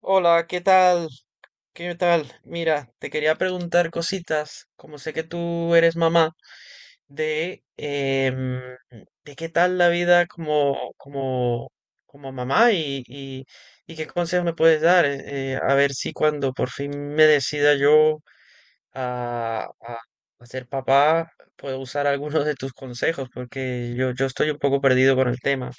Hola, ¿qué tal? ¿Qué tal? Mira, te quería preguntar cositas, como sé que tú eres mamá, de, em, de qué tal la vida como mamá y qué consejos me puedes dar, a ver si cuando por fin me decida yo a, a, a ser papá, puedo usar algunos de tus consejos, porque yo estoy un poco perdido con el tema.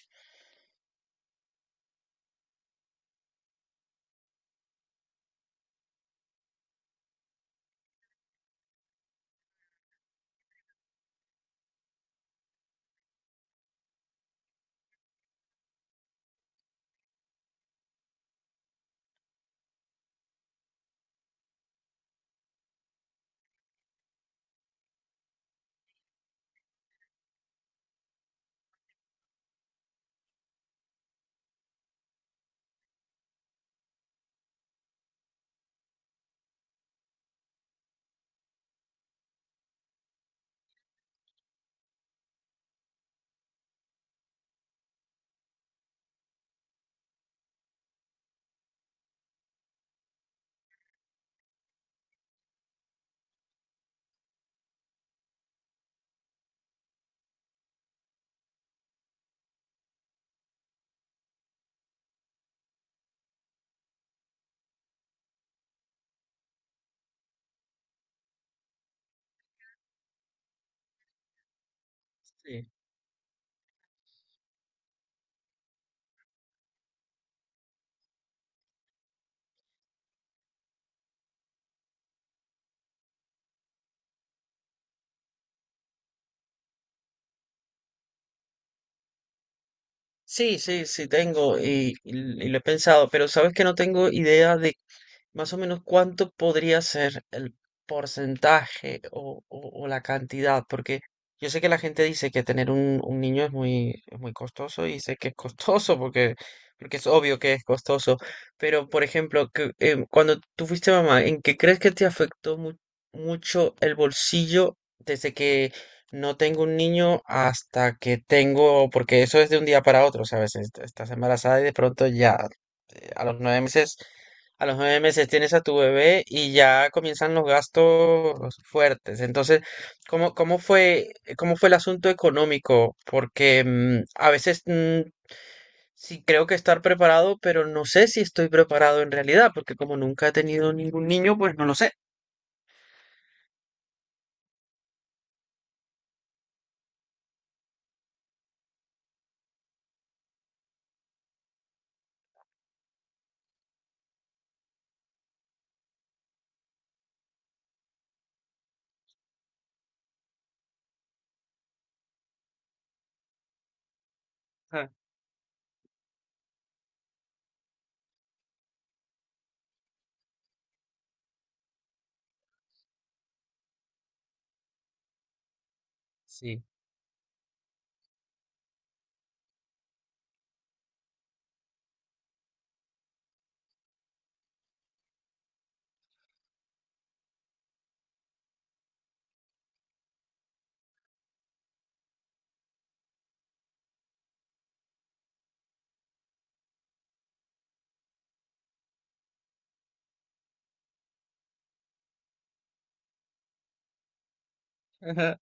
Sí, sí, sí, sí tengo y, y lo he pensado, pero sabes que no tengo idea de más o menos, ¿cuánto podría ser el porcentaje o, o la cantidad? Porque yo sé que la gente dice que tener un niño es muy costoso y sé que es costoso porque, porque es obvio que es costoso. Pero, por ejemplo, que, cuando tú fuiste mamá, ¿en qué crees que te afectó mucho el bolsillo desde que no tengo un niño hasta que tengo, porque eso es de un día para otro, ¿sabes? Estás embarazada y de pronto ya a los nueve meses, a los nueve meses tienes a tu bebé y ya comienzan los gastos fuertes. Entonces, ¿cómo, cómo fue, ¿cómo fue el asunto económico? Porque a veces sí creo que estar preparado, pero no sé si estoy preparado en realidad, porque como nunca he tenido ningún niño, pues no lo sé. Ah, sí. Ajá.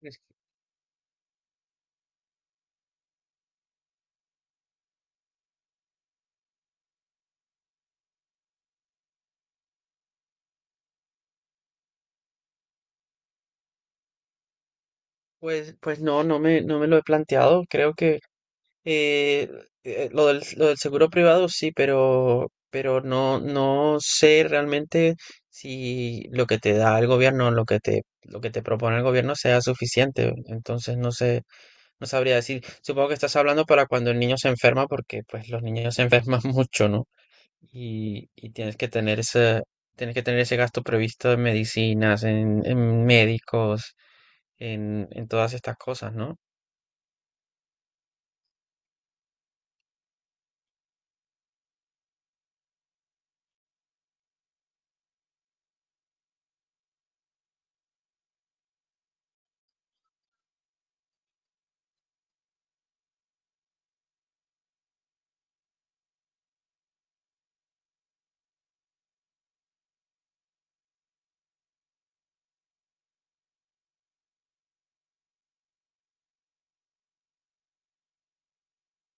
Es que, pues, no me lo he planteado. Creo que Eh, lo del seguro privado sí, pero no, no sé realmente si lo que te da el gobierno, lo que te propone el gobierno sea suficiente. Entonces no sé, no sabría decir. Supongo que estás hablando para cuando el niño se enferma, porque pues los niños se enferman mucho, ¿no? Y tienes que tener ese, tienes que tener ese gasto previsto en medicinas, en médicos, en todas estas cosas, ¿no?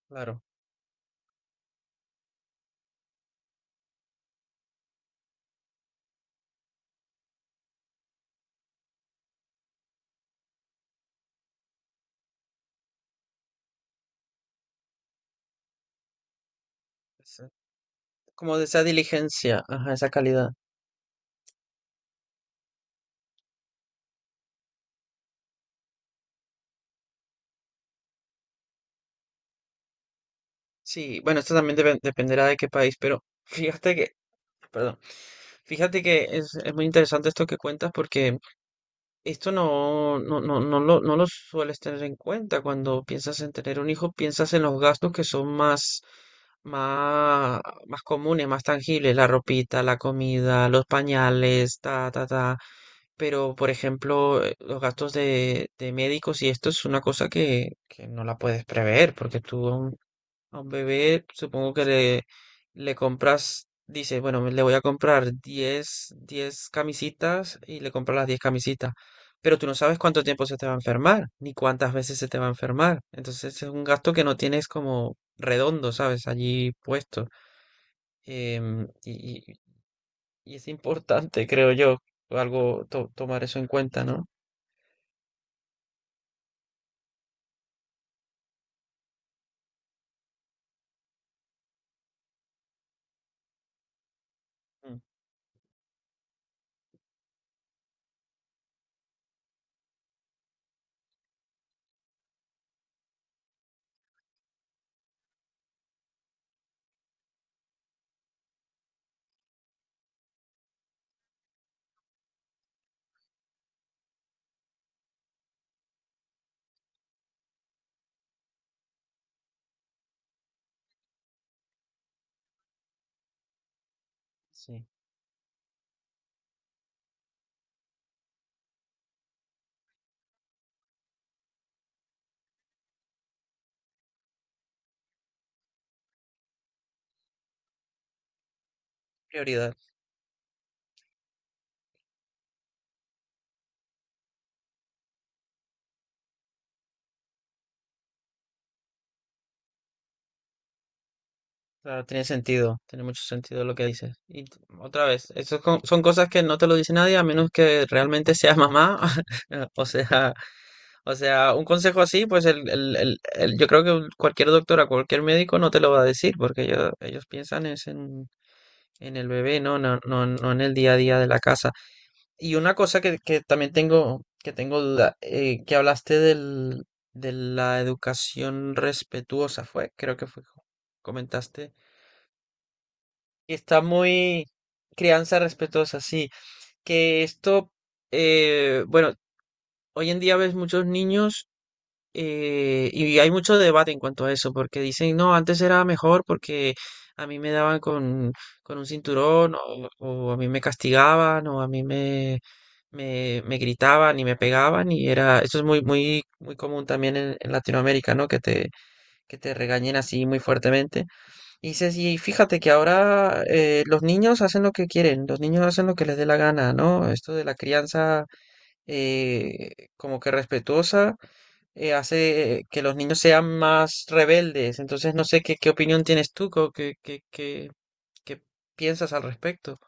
Claro. Como de esa diligencia, ajá, esa calidad. Sí, bueno, esto también dependerá de qué país, pero fíjate que, perdón, fíjate que es muy interesante esto que cuentas porque esto no, no, no, no lo, no lo sueles tener en cuenta cuando piensas en tener un hijo, piensas en los gastos que son más, más, más comunes, más tangibles, la ropita, la comida, los pañales, ta, ta, ta. Pero, por ejemplo, los gastos de médicos y esto es una cosa que no la puedes prever, porque tú aún a un bebé, supongo que le compras, dice, bueno, le voy a comprar diez camisitas y le compras las 10 camisitas. Pero tú no sabes cuánto tiempo se te va a enfermar, ni cuántas veces se te va a enfermar. Entonces es un gasto que no tienes como redondo, ¿sabes? Allí puesto. Em, y, y- y es importante, creo yo, algo tomar eso en cuenta, ¿no? Mm. Sí. Prioridades. Claro, tiene sentido, tiene mucho sentido lo que dices. Y otra vez, eso es son cosas que no te lo dice nadie a menos que realmente seas mamá. O sea, o sea, un consejo así, pues yo creo que cualquier doctora, cualquier médico no te lo va a decir, porque ellos piensan es en el bebé, ¿no? No, no, no en el día a día de la casa. Y una cosa que también tengo, que tengo duda, que hablaste del, de la educación respetuosa, fue, creo que fue, comentaste que está muy crianza respetuosa, sí. Que esto, bueno, hoy en día ves muchos niños y hay mucho debate en cuanto a eso, porque dicen, no, antes era mejor porque a mí me daban con un cinturón o a mí me castigaban o a mí me, me, me gritaban y me pegaban y era, eso es muy, muy, muy común también en Latinoamérica, ¿no? Que te regañen así muy fuertemente. Y Ceci, y fíjate que ahora los niños hacen lo que quieren, los niños hacen lo que les dé la gana, ¿no? Esto de la crianza como que respetuosa hace que los niños sean más rebeldes. Entonces, no sé qué, qué opinión tienes tú, qué, qué, qué, qué piensas al respecto.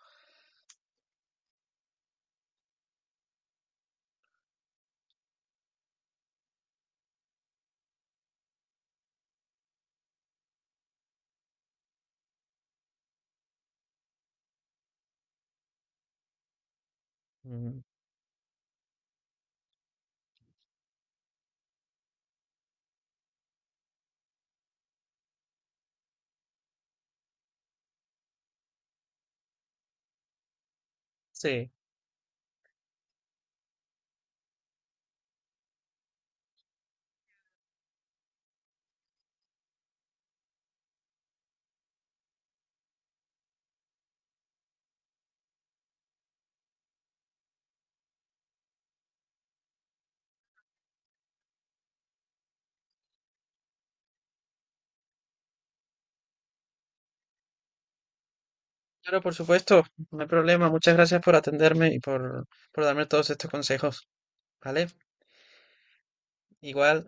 Mm, Sí, claro, por supuesto, no hay problema. Muchas gracias por atenderme y por darme todos estos consejos, ¿vale? Igual.